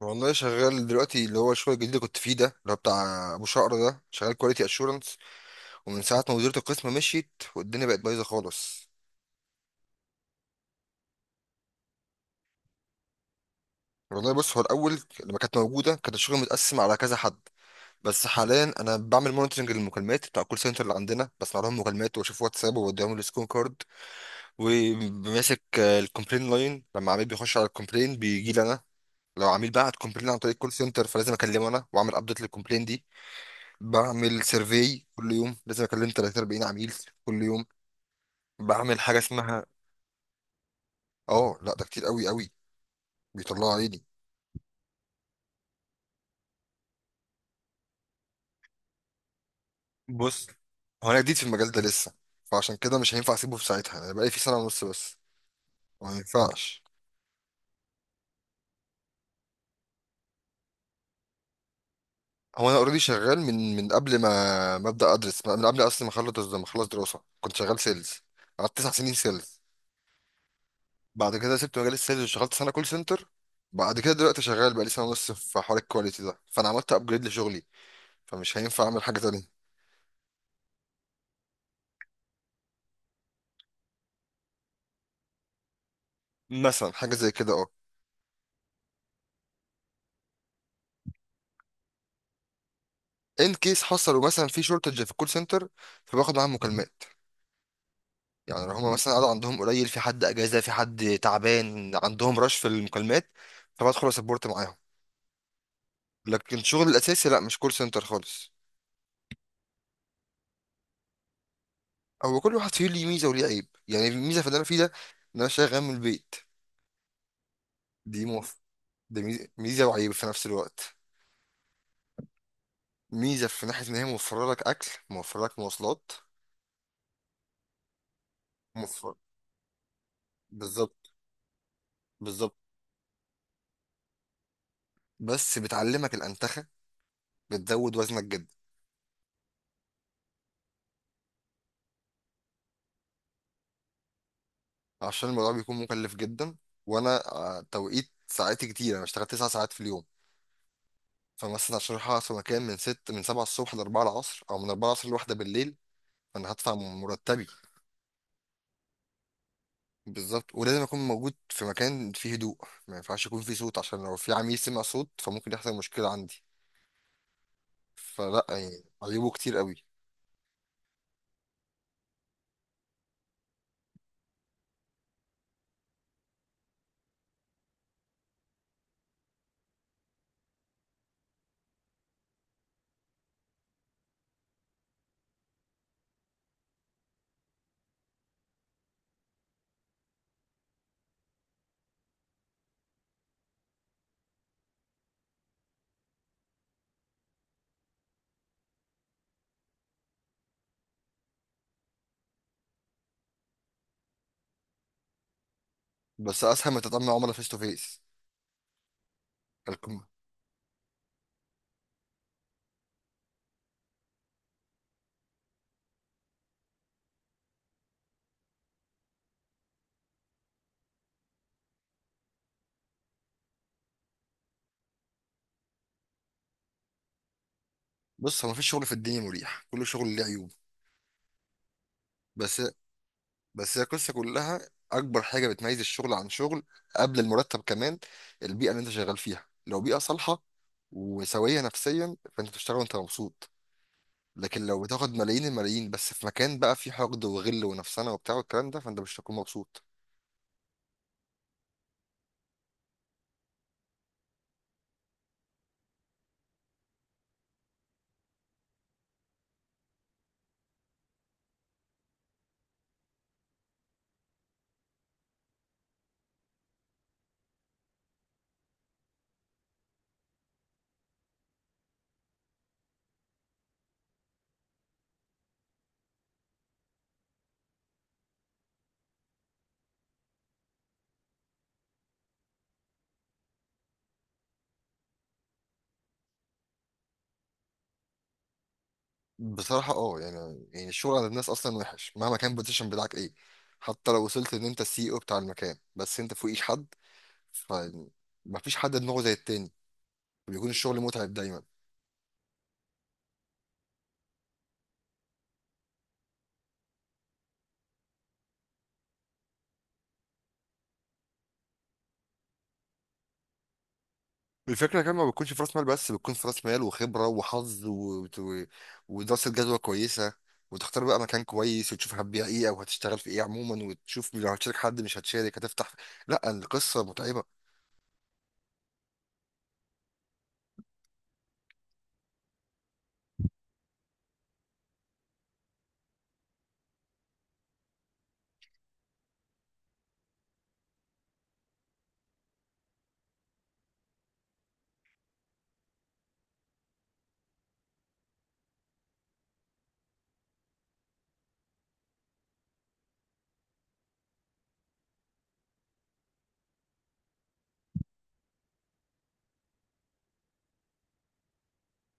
والله شغال دلوقتي اللي هو الشغل الجديد اللي كنت فيه ده اللي هو بتاع ابو شقر ده، شغال كواليتي اشورنس. ومن ساعه ما مديرة القسم مشيت والدنيا بقت بايظه خالص. والله بص، هو الاول لما كانت موجوده كان الشغل متقسم على كذا حد. بس حاليا انا بعمل مونitoring للمكالمات بتاع الكول سنتر اللي عندنا، بسمع لهم مكالمات واشوف واتساب وبوديهم السكون كارد. وماسك الكومبلين لاين، لما عميل بيخش على الكومبلين بيجي لي انا. لو عميل بعت كومبلين عن طريق الكول سنتر فلازم اكلمه انا واعمل ابديت للكومبلين دي. بعمل سيرفي كل يوم، لازم اكلم 30 40 عميل كل يوم. بعمل حاجه اسمها. اه لا، ده كتير قوي قوي، بيطلع عيني. بص، هو انا جديد في المجال ده لسه، فعشان كده مش هينفع اسيبه في ساعتها. انا بقالي فيه سنه ونص بس، ما ينفعش. هو انا اوريدي شغال من قبل ما ابدا ادرس، من قبل اصلا ما اخلص دراسه كنت شغال سيلز. قعدت 9 سنين سيلز. بعد كده سبت مجال السيلز وشغلت سنه كول سنتر. بعد كده دلوقتي شغال بقالي سنه ونص في حوار الكواليتي ده، فانا عملت ابجريد لشغلي، فمش هينفع اعمل حاجه تانية. مثلا حاجه زي كده، اه. ان كيس حصلوا مثلا في شورتج في الكول سنتر، فباخد معاهم مكالمات. يعني لو هم مثلا قعدوا عندهم قليل، في حد اجازه، في حد تعبان، عندهم رش في المكالمات، فبدخل اسبورت معاهم. لكن شغل الاساسي لا، مش كول سنتر خالص. هو كل واحد فيه ليه ميزه وليه عيب. يعني الميزه في اللي انا فيه ده ان انا شغال من البيت. دي موف. دي ميزه، ميزة وعيب في نفس الوقت. ميزه في ناحيه ان هي موفره لك اكل، موفره لك مواصلات. موفر. بالظبط. بالظبط. بس بتعلمك الانتخه، بتزود وزنك جدا. عشان الموضوع بيكون مكلف جدا. وانا توقيت ساعاتي كتير، انا بشتغل 9 ساعات في اليوم. فمثلا عشان اروح اقعد في مكان من ست، من سبعة الصبح لأربعة العصر، او من أربعة العصر لواحدة بالليل، فانا هدفع مرتبي. بالظبط، ولازم اكون موجود في مكان فيه هدوء. ما ينفعش يكون فيه صوت، عشان لو في عميل سمع صوت فممكن يحصل مشكلة عندي. فلا، يعني عيوبه كتير قوي. بس اسهل ما تتعامل مع عملاء فيس تو فيس. الكم- بص، هو مفيش شغل في الدنيا مريح، كل شغل له عيوب. بس بس هي القصه كلها. اكبر حاجه بتميز الشغل عن شغل، قبل المرتب كمان، البيئه اللي انت شغال فيها. لو بيئه صالحه وسويه نفسيا فانت بتشتغل وانت مبسوط. لكن لو بتاخد ملايين الملايين بس في مكان بقى فيه حقد وغل ونفسنه وبتاع والكلام ده، فانت مش هتكون مبسوط. بصراحه اه، يعني الشغل عند الناس اصلا وحش مهما كان البوزيشن بتاعك ايه. حتى لو وصلت ان انت السي او بتاع المكان، بس انت فوقيش حد، فمفيش حد دماغه زي التاني. بيكون الشغل متعب دايما. الفكرة كمان، ما بتكونش في راس مال بس، بتكون في راس مال وخبرة وحظ ودراسة جدوى كويسة، وتختار بقى مكان كويس، وتشوف هتبيع ايه او هتشتغل في ايه عموما، وتشوف لو هتشارك حد مش هتشارك هتفتح. لا، القصة متعبة.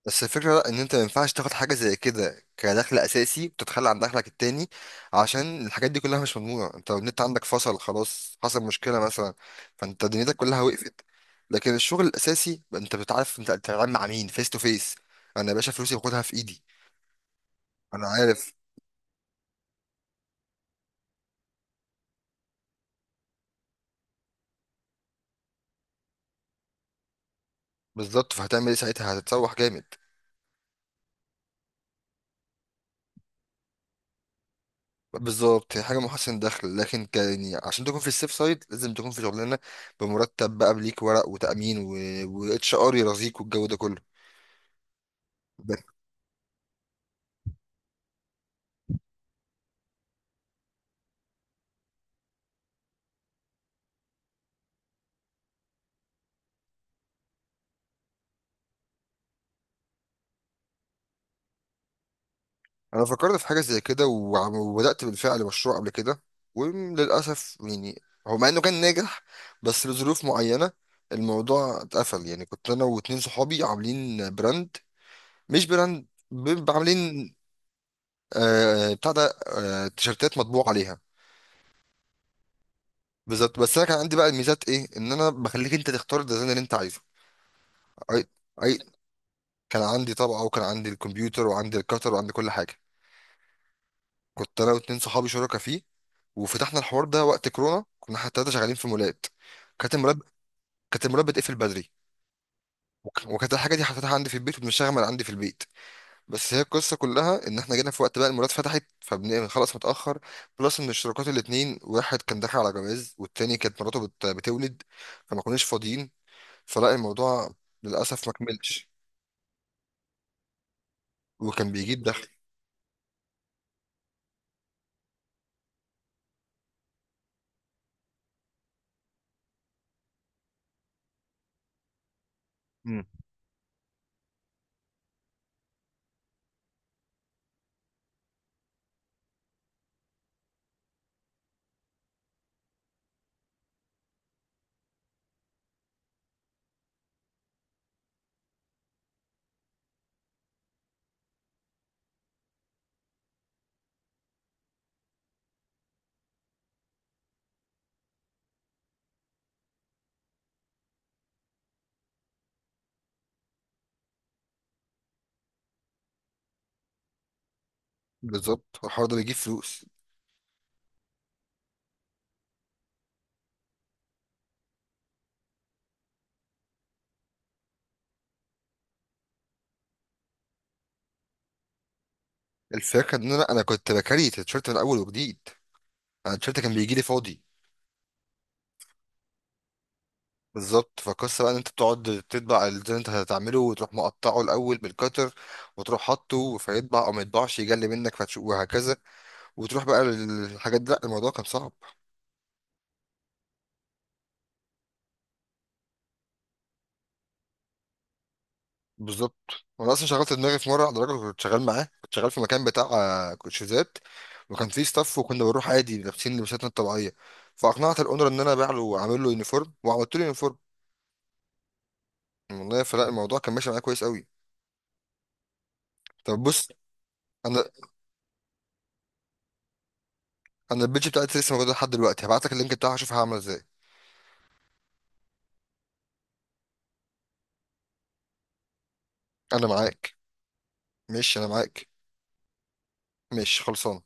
بس الفكرة لا، ان انت ما ينفعش تاخد حاجة زي كده كدخل اساسي وتتخلى عن دخلك التاني، عشان الحاجات دي كلها مش مضمونة. انت لو النت عندك فصل، خلاص حصل مشكلة مثلا، فانت دنيتك كلها وقفت. لكن الشغل الاساسي انت بتعرف انت بتتعامل مع مين فيس تو فيس. انا يا باشا فلوسي باخدها في ايدي. انا عارف. بالظبط، فهتعمل ايه ساعتها؟ هتتسوح جامد. بالظبط، هي حاجه محسن دخل، لكن كان يعني عشان تكون في السيف سايد لازم تكون في شغلانه بمرتب بقى، بليك ورق وتامين واتش ار يرازيك والجو ده كله. بس انا فكرت في حاجه زي كده وبدات بالفعل مشروع قبل كده، وللاسف يعني، هو مع انه كان ناجح بس لظروف معينه الموضوع اتقفل. يعني كنت انا واتنين صحابي عاملين براند، مش براند، عاملين، آه بتاع ده، آه تيشرتات مطبوع عليها. بالظبط. بس انا كان عندي بقى الميزات ايه، ان انا بخليك انت تختار الديزاين اللي انت عايزه. اي. اي. كان عندي طبعه وكان عندي الكمبيوتر وعندي الكتر وعندي كل حاجه. كنت انا واتنين صحابي شركاء فيه، وفتحنا الحوار ده وقت كورونا. كنا احنا التلاته شغالين في مولات. كانت المولات كانت المولات بتقفل بدري. وكانت الحاجه دي حطيتها عندي في البيت وبنشتغل من عندي في البيت. بس هي القصه كلها ان احنا جينا في وقت بقى المولات فتحت فبنخلص متاخر. بلس ان الشركات الاتنين، واحد كان داخل على جواز، والتاني كانت مراته بتولد، فما كناش فاضيين. فلا الموضوع للأسف ما كملش. وكان بيجيب دخل. مم. بالظبط، والحوار ده بيجيب فلوس. الفكرة إن أنا كنت بكري التيشيرت من أول وجديد. أنا التيشيرت كان بيجي لي فاضي. بالظبط، فالقصة بقى إن أنت بتقعد تطبع الديزاين اللي أنت هتعمله، وتروح مقطعه الأول بالكتر، وتروح حاطه فيطبع أو ما يطبعش يجلي منك فتشوف وهكذا، وتروح بقى للحاجات دي. لا الموضوع كان صعب. بالظبط. وانا اصلا شغلت دماغي في مره على درجه، كنت شغال معاه كنت شغال في مكان بتاع كوتشيزات، وكان فيه ستاف وكنا بنروح عادي لابسين لبساتنا الطبيعيه، فاقنعت الاونر ان انا ابيع له واعمل له يونيفورم، وعملت له يونيفورم. والله فلا الموضوع كان ماشي معايا كويس قوي. طب بص، انا انا البيج بتاعتي لسه موجوده لحد دلوقتي، هبعت لك اللينك بتاعها اشوفها عامله ازاي. انا معاك. ماشي انا معاك. ماشي خلصان.